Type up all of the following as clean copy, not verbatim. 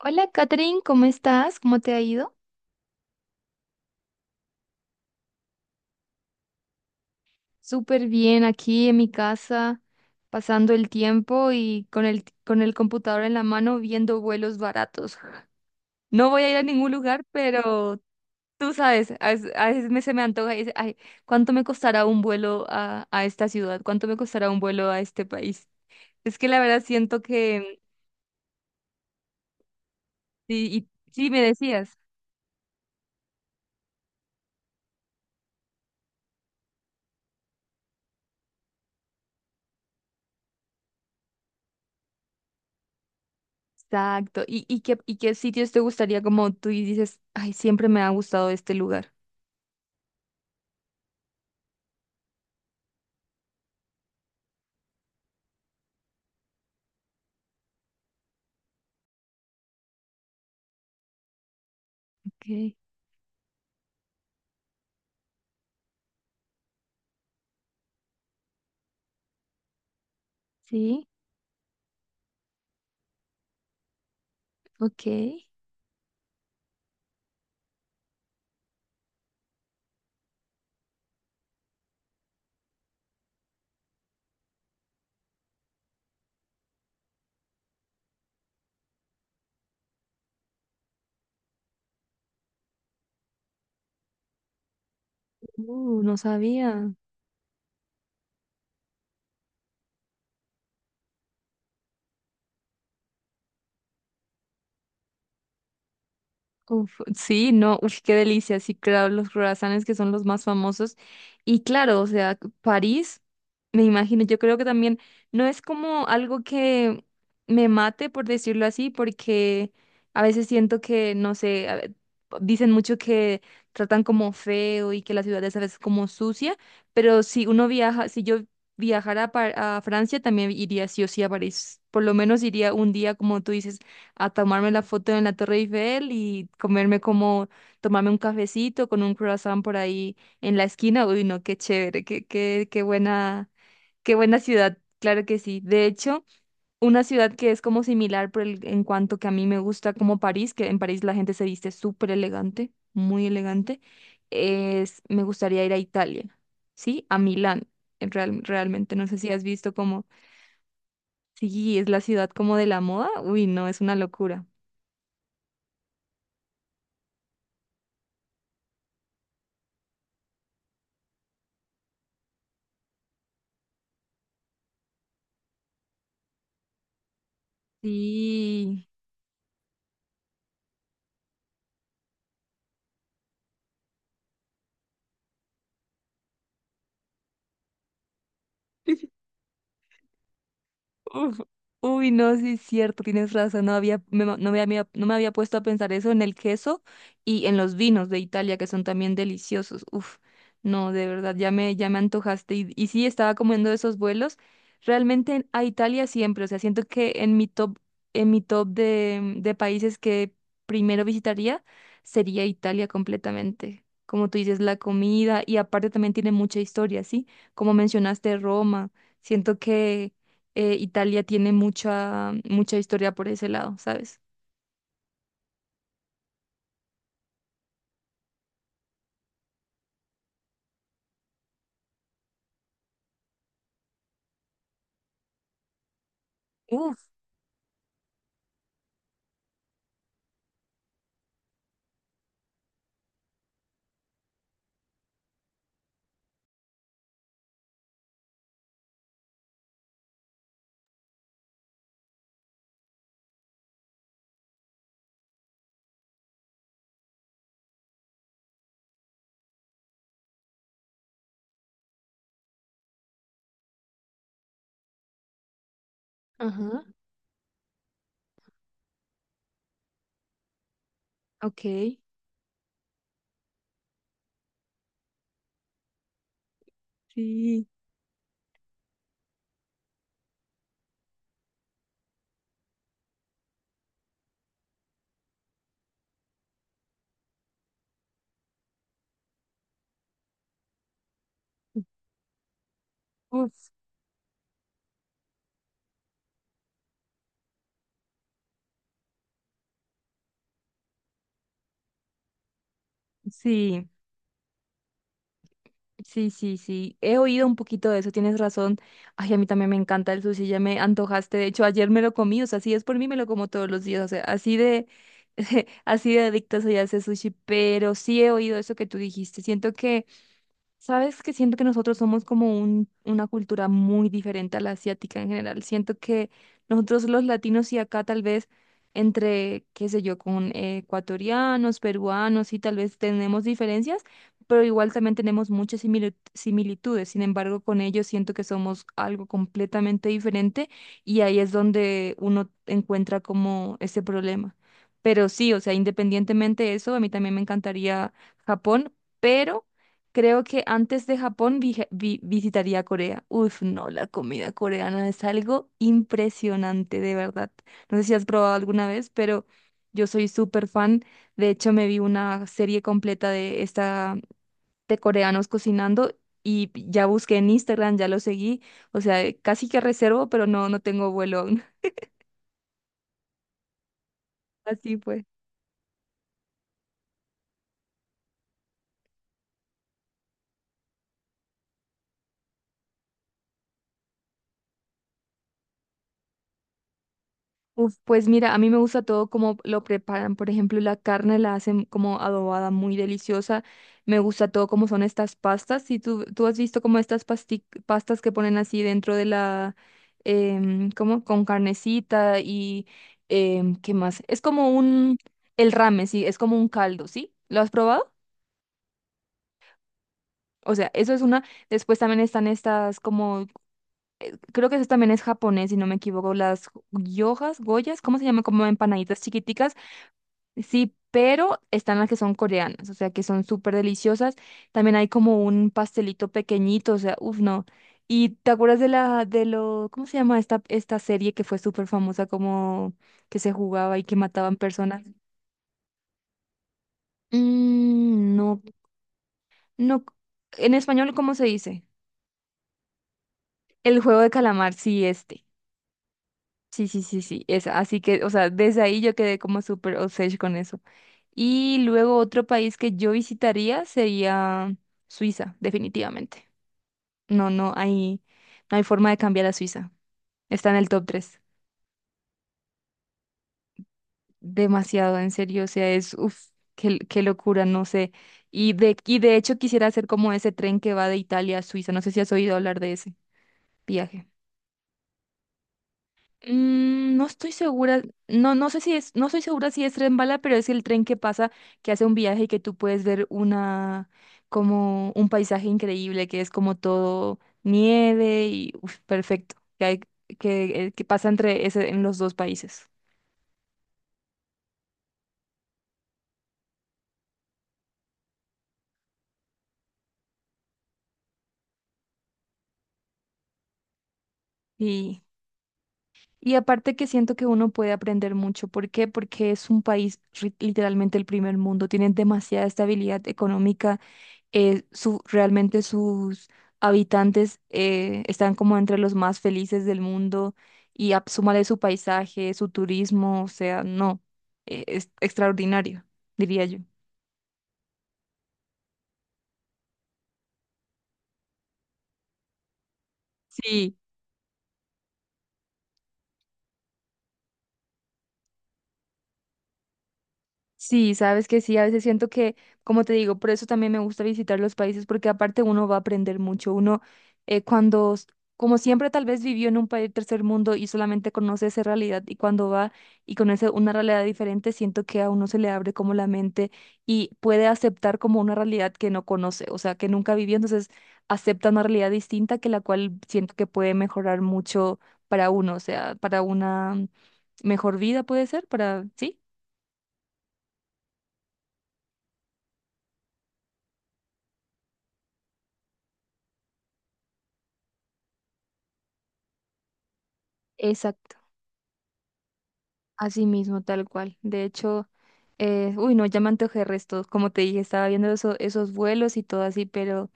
Hola, Catherine, ¿cómo estás? ¿Cómo te ha ido? Súper bien aquí en mi casa, pasando el tiempo y con el computador en la mano viendo vuelos baratos. No voy a ir a ningún lugar, pero tú sabes, a veces, se me antoja y dice, ay, ¿cuánto me costará un vuelo a esta ciudad? ¿Cuánto me costará un vuelo a este país? Es que la verdad siento que, sí, sí, me decías. Exacto. ¿Y qué sitios te gustaría como tú y dices, ay, siempre me ha gustado este lugar? Ok. Sí, ok. No sabía. Sí, no, uf, qué delicia. Sí, claro, los croissants que son los más famosos. Y claro, o sea, París, me imagino, yo creo que también no es como algo que me mate, por decirlo así, porque a veces siento que, no sé, dicen mucho que tratan como feo y que la ciudad es a veces como sucia, pero si uno viaja, si yo viajara a Francia, también iría sí o sí a París. Por lo menos iría un día, como tú dices, a tomarme la foto en la Torre Eiffel y tomarme un cafecito con un croissant por ahí en la esquina. Uy, no, qué chévere, qué buena ciudad, claro que sí. De hecho, una ciudad que es como similar en cuanto que a mí me gusta como París, que en París la gente se viste súper elegante, muy elegante, es, me gustaría ir a Italia, ¿sí? A Milán. Realmente, no sé si has visto como, sí, es la ciudad como de la moda, uy, no, es una locura. Sí. Sí. Uf. Uy, no, sí es cierto, tienes razón, no había, no me había, no me había puesto a pensar eso en el queso y en los vinos de Italia, que son también deliciosos. Uf, no, de verdad, ya me antojaste. Y sí, estaba comiendo esos vuelos. Realmente a Italia siempre, o sea, siento que en mi top de países que primero visitaría sería Italia completamente. Como tú dices, la comida y aparte también tiene mucha historia, ¿sí? Como mencionaste Roma. Siento que Italia tiene mucha historia por ese lado, ¿sabes? Uf. Ajá. Ok, sí, uf, sí, sí, sí, sí. He oído un poquito de eso, tienes razón. Ay, a mí también me encanta el sushi, ya me antojaste. De hecho, ayer me lo comí, o sea, si es por mí, me lo como todos los días, o sea, así de, así de adicta soy a ese sushi, pero sí he oído eso que tú dijiste. Siento que sabes que siento que nosotros somos como una cultura muy diferente a la asiática en general. Siento que nosotros los latinos y acá tal vez entre, qué sé yo, con ecuatorianos, peruanos y tal vez tenemos diferencias, pero igual también tenemos muchas similitudes. Sin embargo, con ellos siento que somos algo completamente diferente y ahí es donde uno encuentra como ese problema. Pero sí, o sea, independientemente de eso, a mí también me encantaría Japón, pero... Creo que antes de Japón visitaría Corea. Uf, no, la comida coreana es algo impresionante, de verdad. No sé si has probado alguna vez, pero yo soy súper fan. De hecho, me vi una serie completa de esta, de coreanos cocinando, y ya busqué en Instagram, ya lo seguí. O sea, casi que reservo, pero no, no tengo vuelo aún. Así fue. Uf, pues mira, a mí me gusta todo como lo preparan. Por ejemplo, la carne la hacen como adobada, muy deliciosa. Me gusta todo como son estas pastas. Si tú has visto como estas pastas que ponen así dentro de la, como con carnecita y ¿qué más? Es como un, el ramen, sí, es como un caldo, ¿sí? ¿Lo has probado? O sea, eso es una. Después también están estas como, creo que eso también es japonés, si no me equivoco, las yojas, goyas, ¿cómo se llama? Como empanaditas chiquiticas. Sí, pero están las que son coreanas, o sea, que son súper deliciosas. También hay como un pastelito pequeñito, o sea, uff, no. ¿Y te acuerdas de la, ¿cómo se llama esta serie que fue súper famosa, como que se jugaba y que mataban personas? Mm, no, no. En español, ¿cómo se dice? El juego de calamar, sí, este. Sí, sí, sí, sí, esa. Así que, o sea, desde ahí yo quedé como súper obsessed con eso. Y luego otro país que yo visitaría sería Suiza, definitivamente. No, no hay, no hay forma de cambiar a Suiza. Está en el top tres. Demasiado, en serio. O sea, es, uff, qué locura, no sé. Y de hecho quisiera hacer como ese tren que va de Italia a Suiza. No sé si has oído hablar de ese viaje. Mm, no estoy segura, no, no sé si es, no estoy segura si es tren bala, pero es el tren que pasa, que hace un viaje y que tú puedes ver una, como un paisaje increíble, que es como todo nieve y uf, perfecto, que hay, que pasa en los dos países. Y, y aparte que siento que uno puede aprender mucho. ¿Por qué? Porque es un país literalmente el primer mundo, tienen demasiada estabilidad económica. Realmente sus habitantes están como entre los más felices del mundo y súmale su paisaje, su turismo, o sea, no, es extraordinario, diría yo. Sí. Sí, sabes que sí, a veces siento que, como te digo, por eso también me gusta visitar los países, porque aparte uno va a aprender mucho. Uno, eh, cuando, s- como siempre, tal vez vivió en un país tercer mundo y solamente conoce esa realidad, y cuando va y conoce una realidad diferente, siento que a uno se le abre como la mente y puede aceptar como una realidad que no conoce, o sea, que nunca vivió, entonces acepta una realidad distinta que la cual siento que puede mejorar mucho para uno, o sea, para una mejor vida puede ser, para, ¿sí? Exacto. Así mismo, tal cual. De hecho, uy, no, ya me antojé resto. Como te dije, estaba viendo esos vuelos y todo así,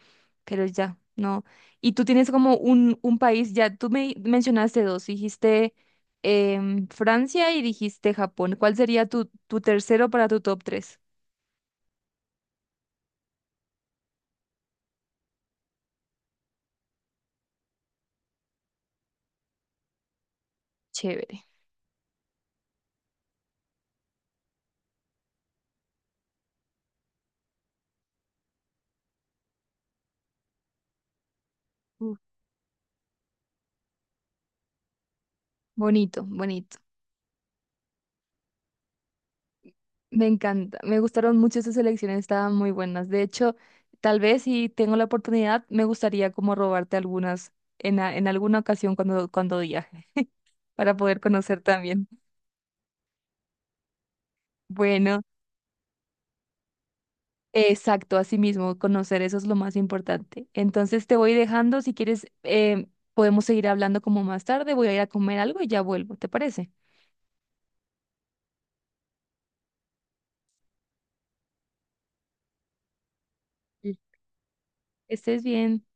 pero ya, no. Y tú tienes como un país, ya tú me mencionaste dos, dijiste Francia y dijiste Japón. ¿Cuál sería tu tercero para tu top tres? Chévere. Uf. Bonito, bonito. Me encanta, me gustaron mucho esas elecciones, estaban muy buenas. De hecho, tal vez si tengo la oportunidad, me gustaría como robarte algunas en alguna ocasión cuando, cuando viaje, para poder conocer también. Bueno, exacto, así mismo, conocer eso es lo más importante. Entonces te voy dejando, si quieres, podemos seguir hablando como más tarde, voy a ir a comer algo y ya vuelvo, ¿te parece? Mm. Estés bien.